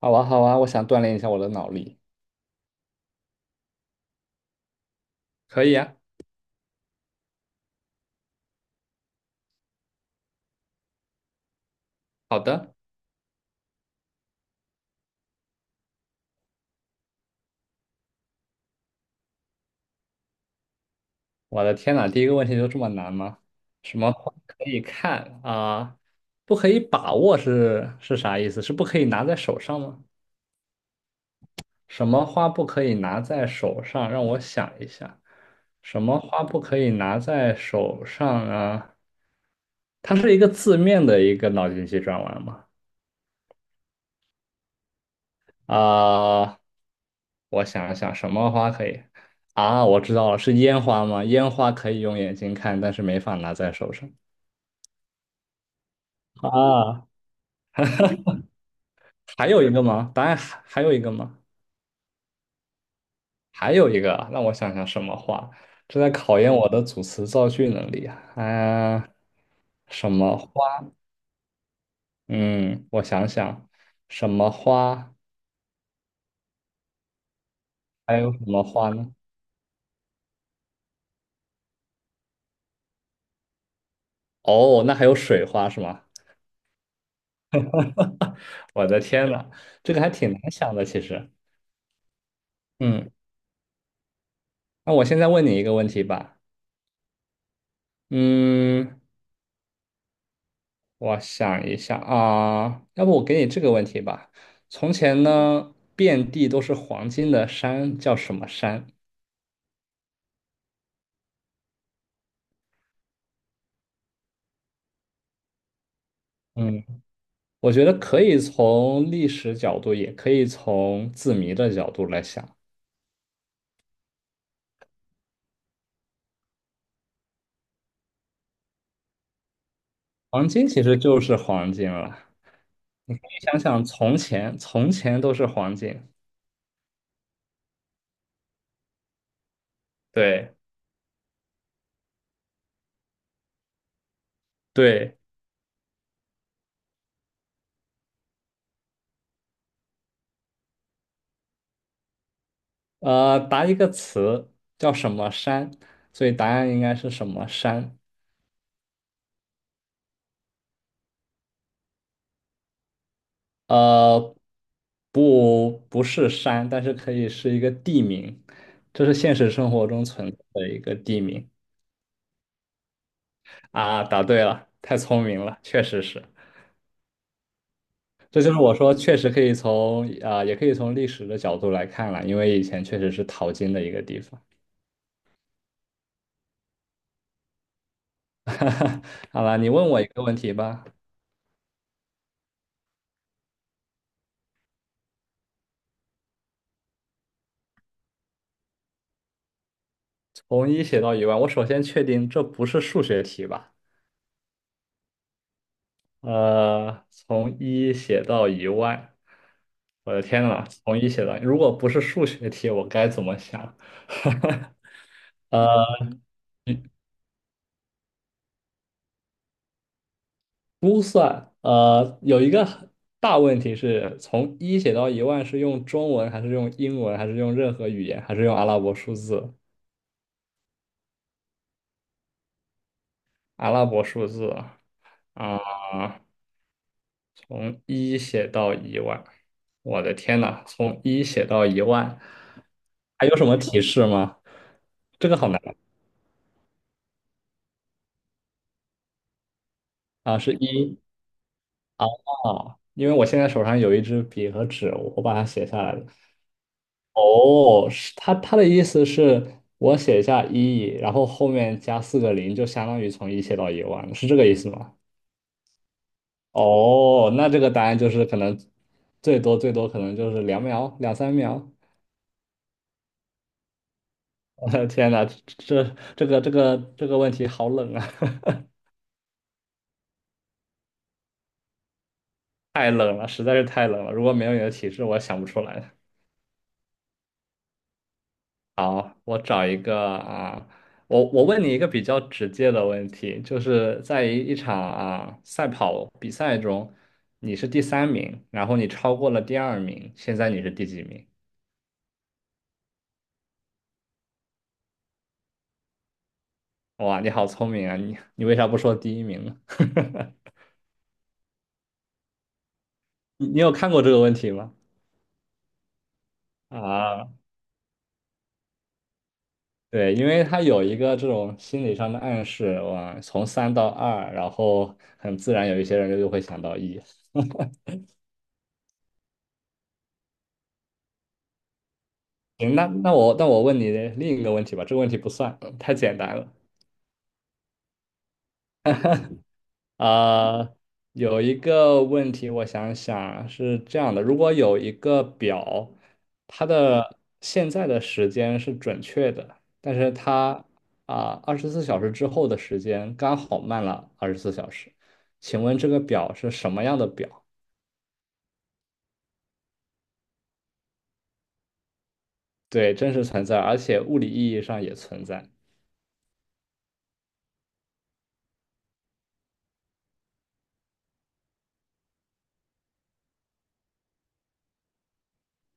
好啊，好啊，我想锻炼一下我的脑力。可以啊，好的。我的天呐，第一个问题就这么难吗？什么可以看啊？不可以把握是啥意思？是不可以拿在手上吗？什么花不可以拿在手上？让我想一下，什么花不可以拿在手上啊？它是一个字面的一个脑筋急转弯吗？啊、我想一想什么花可以啊？我知道了，是烟花吗？烟花可以用眼睛看，但是没法拿在手上啊。还有一个吗？答案还有一个吗？还有一个啊，让我想想什么花？这在考验我的组词造句能力啊。啊、什么花？嗯，我想想，什么花？还有什么花呢？哦，那还有水花是吗？我的天呐，这个还挺难想的，其实。嗯，那我现在问你一个问题吧。嗯，我想一下啊，要不我给你这个问题吧。从前呢，遍地都是黄金的山叫什么山？嗯，我觉得可以从历史角度，也可以从字谜的角度来想。黄金其实就是黄金了。你可以想想，从前，从前都是黄金。对对，答一个词叫什么山，所以答案应该是什么山？呃，不，不是山，但是可以是一个地名，这是现实生活中存在的一个地名啊。答对了，太聪明了，确实是。这就是我说，确实可以也可以从历史的角度来看了，因为以前确实是淘金的一个地方。好了，你问我一个问题吧，从一写到一万，我首先确定这不是数学题吧？从一写到一万，我的天呐，从一写到，如果不是数学题，我该怎么想？呃有一个很大问题是从一写到一万是用中文还是用英文还是用任何语言还是用阿拉伯数字？阿拉伯数字啊，从一写到一万，我的天呐，从一写到一万，还有什么提示吗？这个好难啊，是一。啊，因为我现在手上有一支笔和纸，我把它写下来了。哦，是他的意思是我写下一，然后后面加四个零，就相当于从一写到一万，是这个意思吗？哦，那这个答案就是可能最多最多可能就是两秒两三秒。我的天呐，这这个问题好冷啊，太冷了，实在是太冷了。如果没有你的提示，我想不出来。好，我找一个啊，我问你一个比较直接的问题，就是在一场赛跑比赛中，你是第三名，然后你超过了第二名，现在你是第几名？哇，你好聪明啊！你为啥不说第一名呢？你有看过这个问题吗？啊，对，因为他有一个这种心理上的暗示，哇，从三到二，然后很自然有一些人就会想到一。行，那我问你另一个问题吧，这个问题不算，太简单了。啊、有一个问题，我想想啊是这样的：如果有一个表，它的现在的时间是准确的，但是它二十四小时之后的时间刚好慢了二十四小时，请问这个表是什么样的表？对，真实存在，而且物理意义上也存在。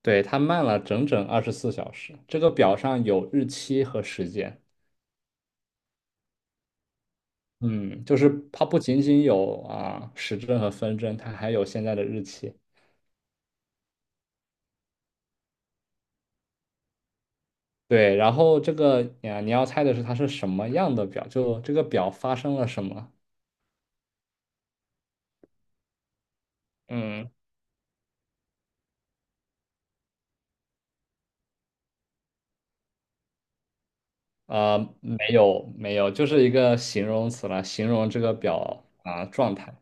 对，它慢了整整二十四小时。这个表上有日期和时间。嗯，就是它不仅仅有时针和分针，它还有现在的日期。对，然后这个啊，你要猜的是它是什么样的表，就这个表发生了什么。嗯，没有没有，就是一个形容词了，形容这个表状态。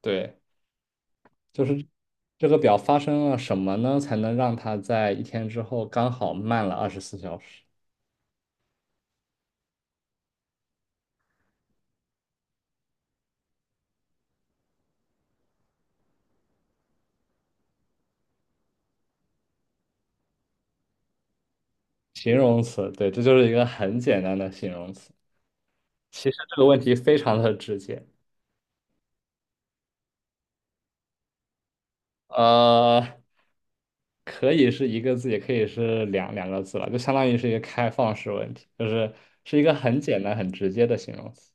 对，就是这个表发生了什么呢，才能让它在一天之后刚好慢了二十四小时？形容词，对，这就是一个很简单的形容词。其实这个问题非常的直接。呃，可以是一个字，也可以是两个字了，就相当于是一个开放式问题，就是是一个很简单、很直接的形容词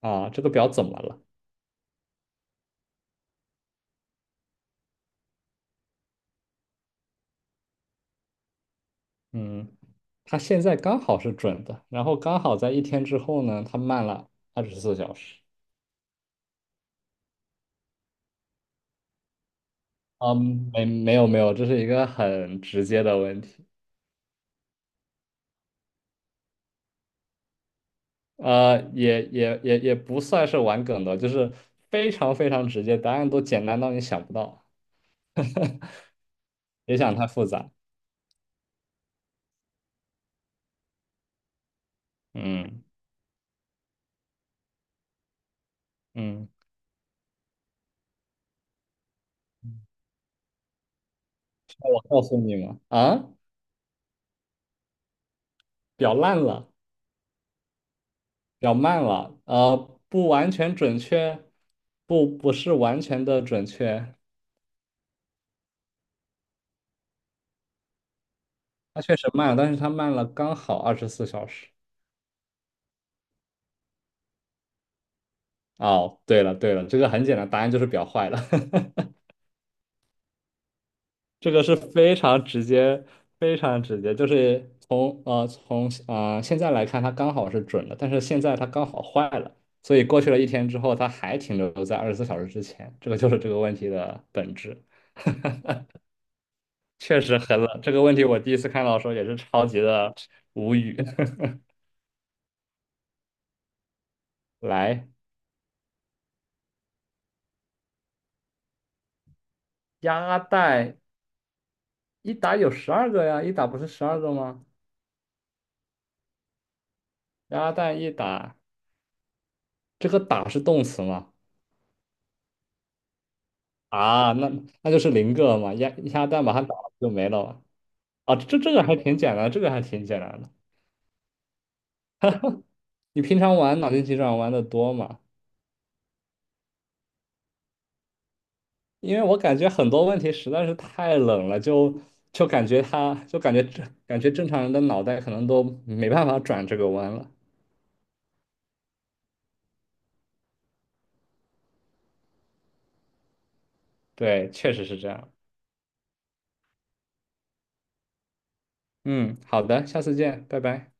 啊。这个表怎么了？嗯，它现在刚好是准的，然后刚好在一天之后呢，它慢了二十四小时。嗯，没有没有，这是一个很直接的问题，也不算是玩梗的，就是非常非常直接，答案都简单到你想不到，别想太复杂。嗯嗯。告诉你们啊，表烂了，表慢了，不完全准确，不是完全的准确，它确实慢了，但是它慢了刚好二十四小时。哦，对了对了，这个很简单，答案就是表坏了，这个是非常直接，非常直接，就是从现在来看，它刚好是准的，但是现在它刚好坏了，所以过去了一天之后，它还停留在二十四小时之前，这个就是这个问题的本质。确实很冷。这个问题我第一次看到的时候也是超级的无语。来，鸭蛋一打有十二个呀，一打不是十二个吗？鸭蛋一打，这个打是动词吗？啊，那就是零个嘛，鸭蛋把它打了就没了嘛。啊，这个还挺简单，这个还挺简单的。你平常玩脑筋急转弯的多吗？因为我感觉很多问题实在是太冷了，就感觉正常人的脑袋可能都没办法转这个弯了。对，确实是这样。嗯，好的，下次见，拜拜。